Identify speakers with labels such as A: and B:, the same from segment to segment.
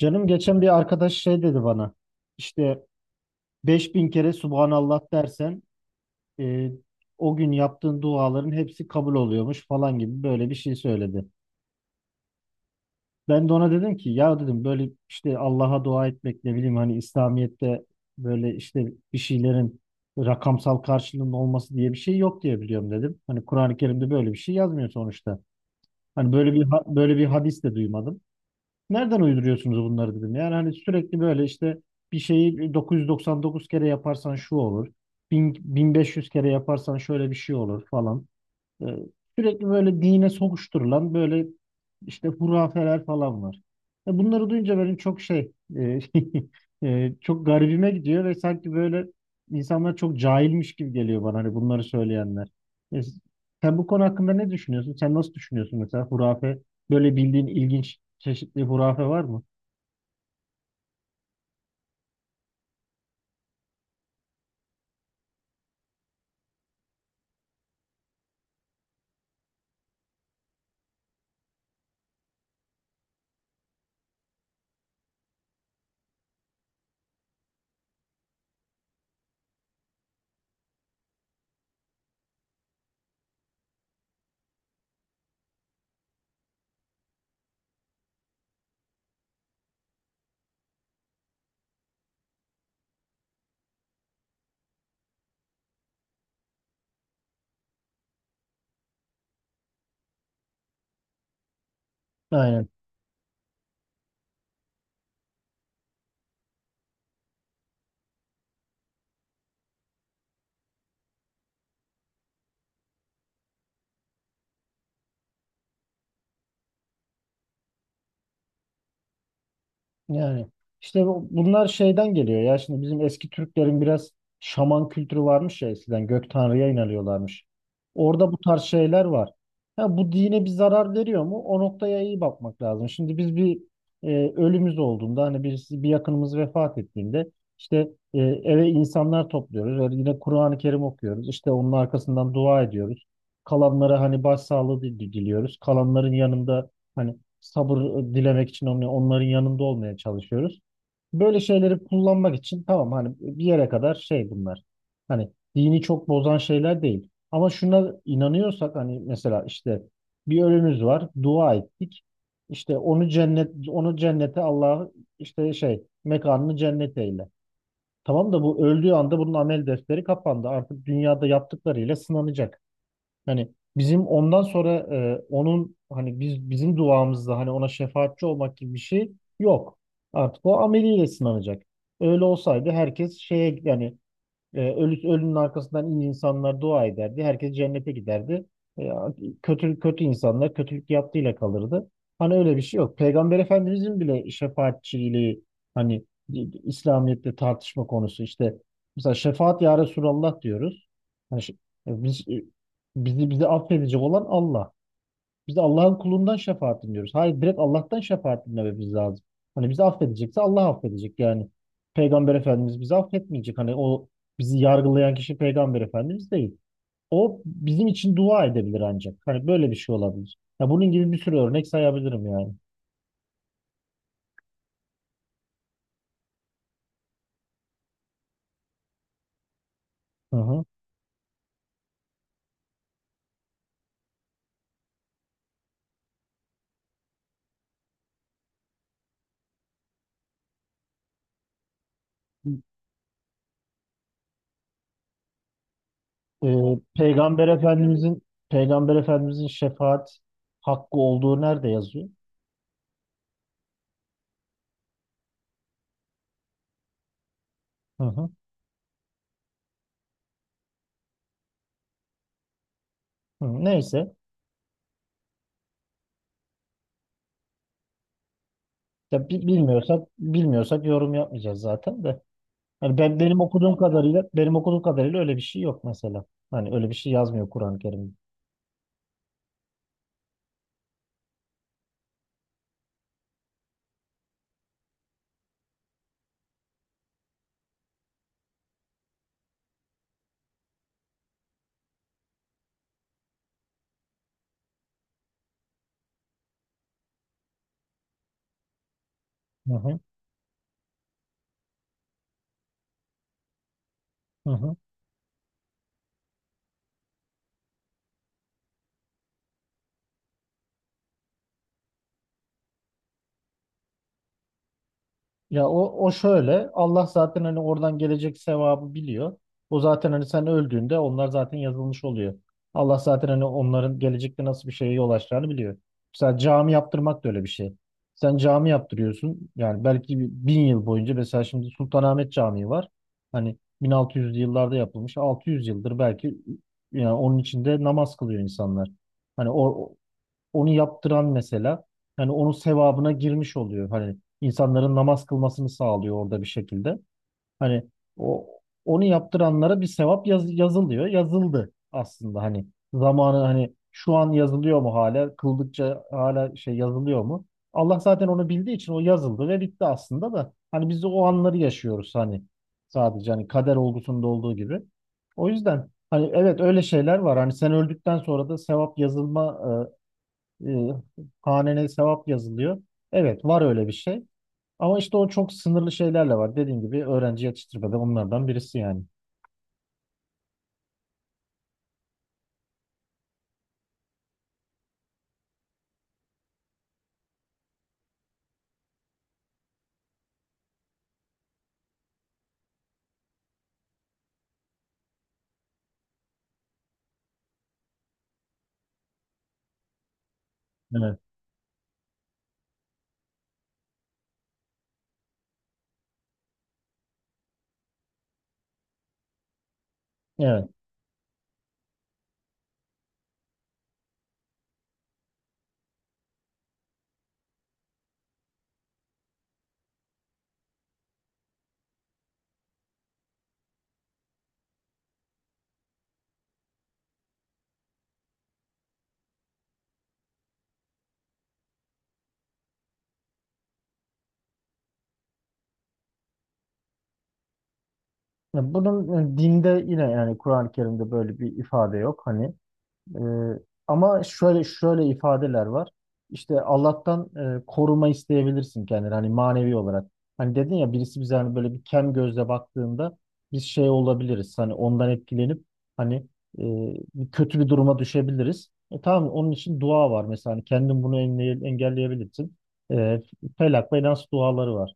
A: Canım geçen bir arkadaş şey dedi bana. İşte 5000 kere Subhanallah dersen e, o gün yaptığın duaların hepsi kabul oluyormuş falan gibi böyle bir şey söyledi. Ben de ona dedim ki ya dedim böyle işte Allah'a dua etmek ne bileyim hani İslamiyet'te böyle işte bir şeylerin rakamsal karşılığının olması diye bir şey yok diye biliyorum dedim. Hani Kur'an-ı Kerim'de böyle bir şey yazmıyor sonuçta. Hani böyle bir böyle bir hadis de duymadım. Nereden uyduruyorsunuz bunları dedim. Yani hani sürekli böyle işte bir şeyi 999 kere yaparsan şu olur. 1000, 1500 kere yaparsan şöyle bir şey olur falan. Ee, Sürekli böyle dine sokuşturulan böyle işte hurafeler falan var. Bunları duyunca benim çok şey çok garibime gidiyor ve sanki böyle insanlar çok cahilmiş gibi geliyor bana hani bunları söyleyenler. E, sen bu konu hakkında ne düşünüyorsun? Sen nasıl düşünüyorsun mesela hurafe? Böyle bildiğin ilginç çeşitli hurafe var mı? Aynen. Yani işte bunlar şeyden geliyor ya şimdi bizim eski Türklerin biraz şaman kültürü varmış ya eskiden gök tanrıya inanıyorlarmış. Orada bu tarz şeyler var. Ha, bu dine bir zarar veriyor mu? O noktaya iyi bakmak lazım. Şimdi biz bir ölümüz olduğunda hani birisi bir yakınımız vefat ettiğinde işte eve insanlar topluyoruz. Yani yine Kur'an-ı Kerim okuyoruz. İşte onun arkasından dua ediyoruz. Kalanlara hani başsağlığı diliyoruz. Kalanların yanında hani sabır dilemek için onların yanında olmaya çalışıyoruz. Böyle şeyleri kullanmak için tamam hani bir yere kadar şey bunlar. Hani dini çok bozan şeyler değil. Ama şuna inanıyorsak hani mesela işte bir ölümüz var, dua ettik. İşte onu cennete Allah'ı işte şey mekanını cennet eyle. Tamam da bu öldüğü anda bunun amel defteri kapandı. Artık dünyada yaptıklarıyla sınanacak. Yani bizim ondan sonra onun hani bizim duamızda hani ona şefaatçi olmak gibi bir şey yok. Artık o ameliyle sınanacak. Öyle olsaydı herkes şeye yani ölünün arkasından iyi insanlar dua ederdi. Herkes cennete giderdi. E, kötü kötü insanlar kötülük yaptığıyla kalırdı. Hani öyle bir şey yok. Peygamber Efendimizin bile şefaatçiliği hani İslamiyet'te tartışma konusu işte mesela şefaat ya Resulallah diyoruz. Hani biz, e, bizi affedecek olan Allah. Biz de Allah'ın kulundan şefaat dinliyoruz. Hayır direkt Allah'tan şefaat dinlememiz lazım. Hani bizi affedecekse Allah affedecek. Yani Peygamber Efendimiz bizi affetmeyecek. Hani o bizi yargılayan kişi Peygamber Efendimiz değil. O bizim için dua edebilir ancak. Hani böyle bir şey olabilir. Ya bunun gibi bir sürü örnek sayabilirim yani. Hı hı. Ee, Peygamber Efendimizin Peygamber Efendimizin şefaat hakkı olduğu nerede yazıyor? Hı hı. Hı, neyse. Ya bilmiyorsak yorum yapmayacağız zaten de. Yani benim okuduğum kadarıyla öyle bir şey yok mesela. Hani öyle bir şey yazmıyor Kur'an-ı Kerim. Hı hı. Hı hı. Ya o şöyle Allah zaten hani oradan gelecek sevabı biliyor. O zaten hani sen öldüğünde onlar zaten yazılmış oluyor. Allah zaten hani onların gelecekte nasıl bir şeye yol açacağını biliyor. Mesela cami yaptırmak da öyle bir şey. Sen cami yaptırıyorsun yani belki 1000 yıl boyunca mesela şimdi Sultanahmet Camii var. Hani 1600'lü yıllarda yapılmış 600 yıldır belki yani onun içinde namaz kılıyor insanlar. Hani onu yaptıran mesela hani onun sevabına girmiş oluyor. Hani insanların namaz kılmasını sağlıyor orada bir şekilde. Hani o onu yaptıranlara bir sevap yazılıyor. Yazıldı aslında hani zamanı hani şu an yazılıyor mu hala? Kıldıkça hala şey yazılıyor mu? Allah zaten onu bildiği için o yazıldı ve bitti aslında da hani biz de o anları yaşıyoruz hani sadece hani kader olgusunda olduğu gibi. O yüzden hani evet öyle şeyler var. Hani sen öldükten sonra da sevap yazılma e, hanene sevap yazılıyor. Evet var öyle bir şey. Ama işte o çok sınırlı şeylerle var. Dediğim gibi öğrenci yetiştirmede onlardan birisi yani. Evet. Evet. Ya bunun dinde yine yani Kur'an-ı Kerim'de böyle bir ifade yok. Hani Ee, ama şöyle şöyle ifadeler var. İşte Allah'tan koruma isteyebilirsin kendini hani manevi olarak. Hani dedin ya birisi bize hani böyle bir kem gözle baktığında biz şey olabiliriz. Hani ondan etkilenip hani e, bir kötü bir duruma düşebiliriz. Tamam onun için dua var mesela hani kendin bunu engelleyebilirsin. E, Felak ve Nas duaları var.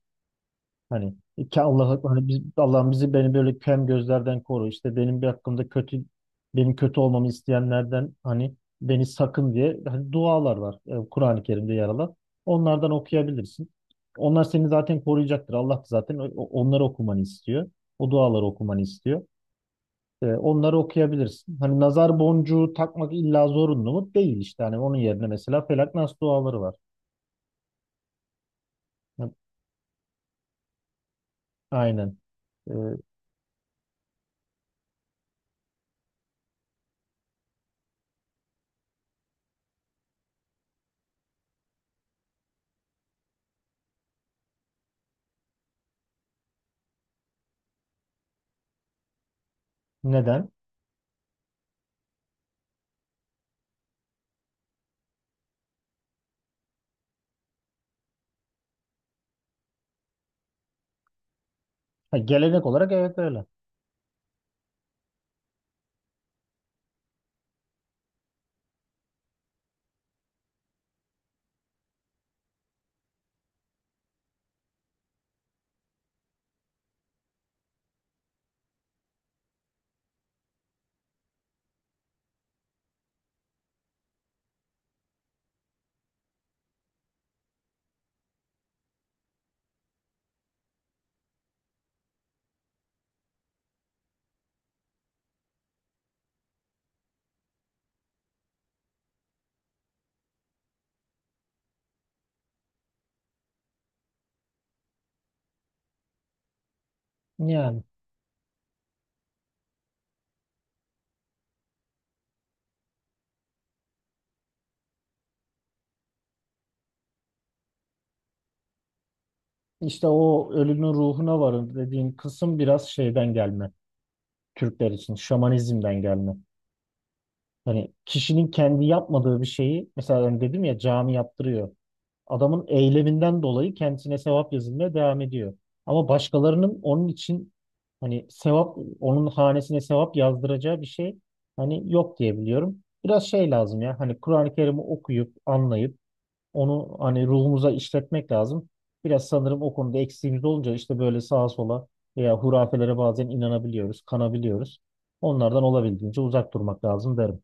A: Hani ki Allah hani biz, Allah'ım bizi beni böyle kem gözlerden koru. İşte benim bir hakkımda kötü benim kötü olmamı isteyenlerden hani beni sakın diye hani dualar var. Kur'an-ı Kerim'de yer alan. Onlardan okuyabilirsin. Onlar seni zaten koruyacaktır. Allah da zaten onları okumanı istiyor. O duaları okumanı istiyor. Onları okuyabilirsin. Hani nazar boncuğu takmak illa zorunlu mu? Değil işte. Hani onun yerine mesela Felak Nas duaları var. Aynen. E, neden? Ha, gelenek olarak evet öyle. Yani. İşte o ölünün ruhuna varın dediğin kısım biraz şeyden gelme. Türkler için şamanizmden gelme. Hani kişinin kendi yapmadığı bir şeyi mesela hani dedim ya cami yaptırıyor. Adamın eyleminden dolayı kendisine sevap yazılmaya devam ediyor. Ama başkalarının onun için hani sevap onun hanesine sevap yazdıracağı bir şey hani yok diye biliyorum. Biraz şey lazım ya hani Kur'an-ı Kerim'i okuyup anlayıp onu hani ruhumuza işletmek lazım. Biraz sanırım o konuda eksiğimiz olunca işte böyle sağa sola veya hurafelere bazen inanabiliyoruz, kanabiliyoruz. Onlardan olabildiğince uzak durmak lazım derim.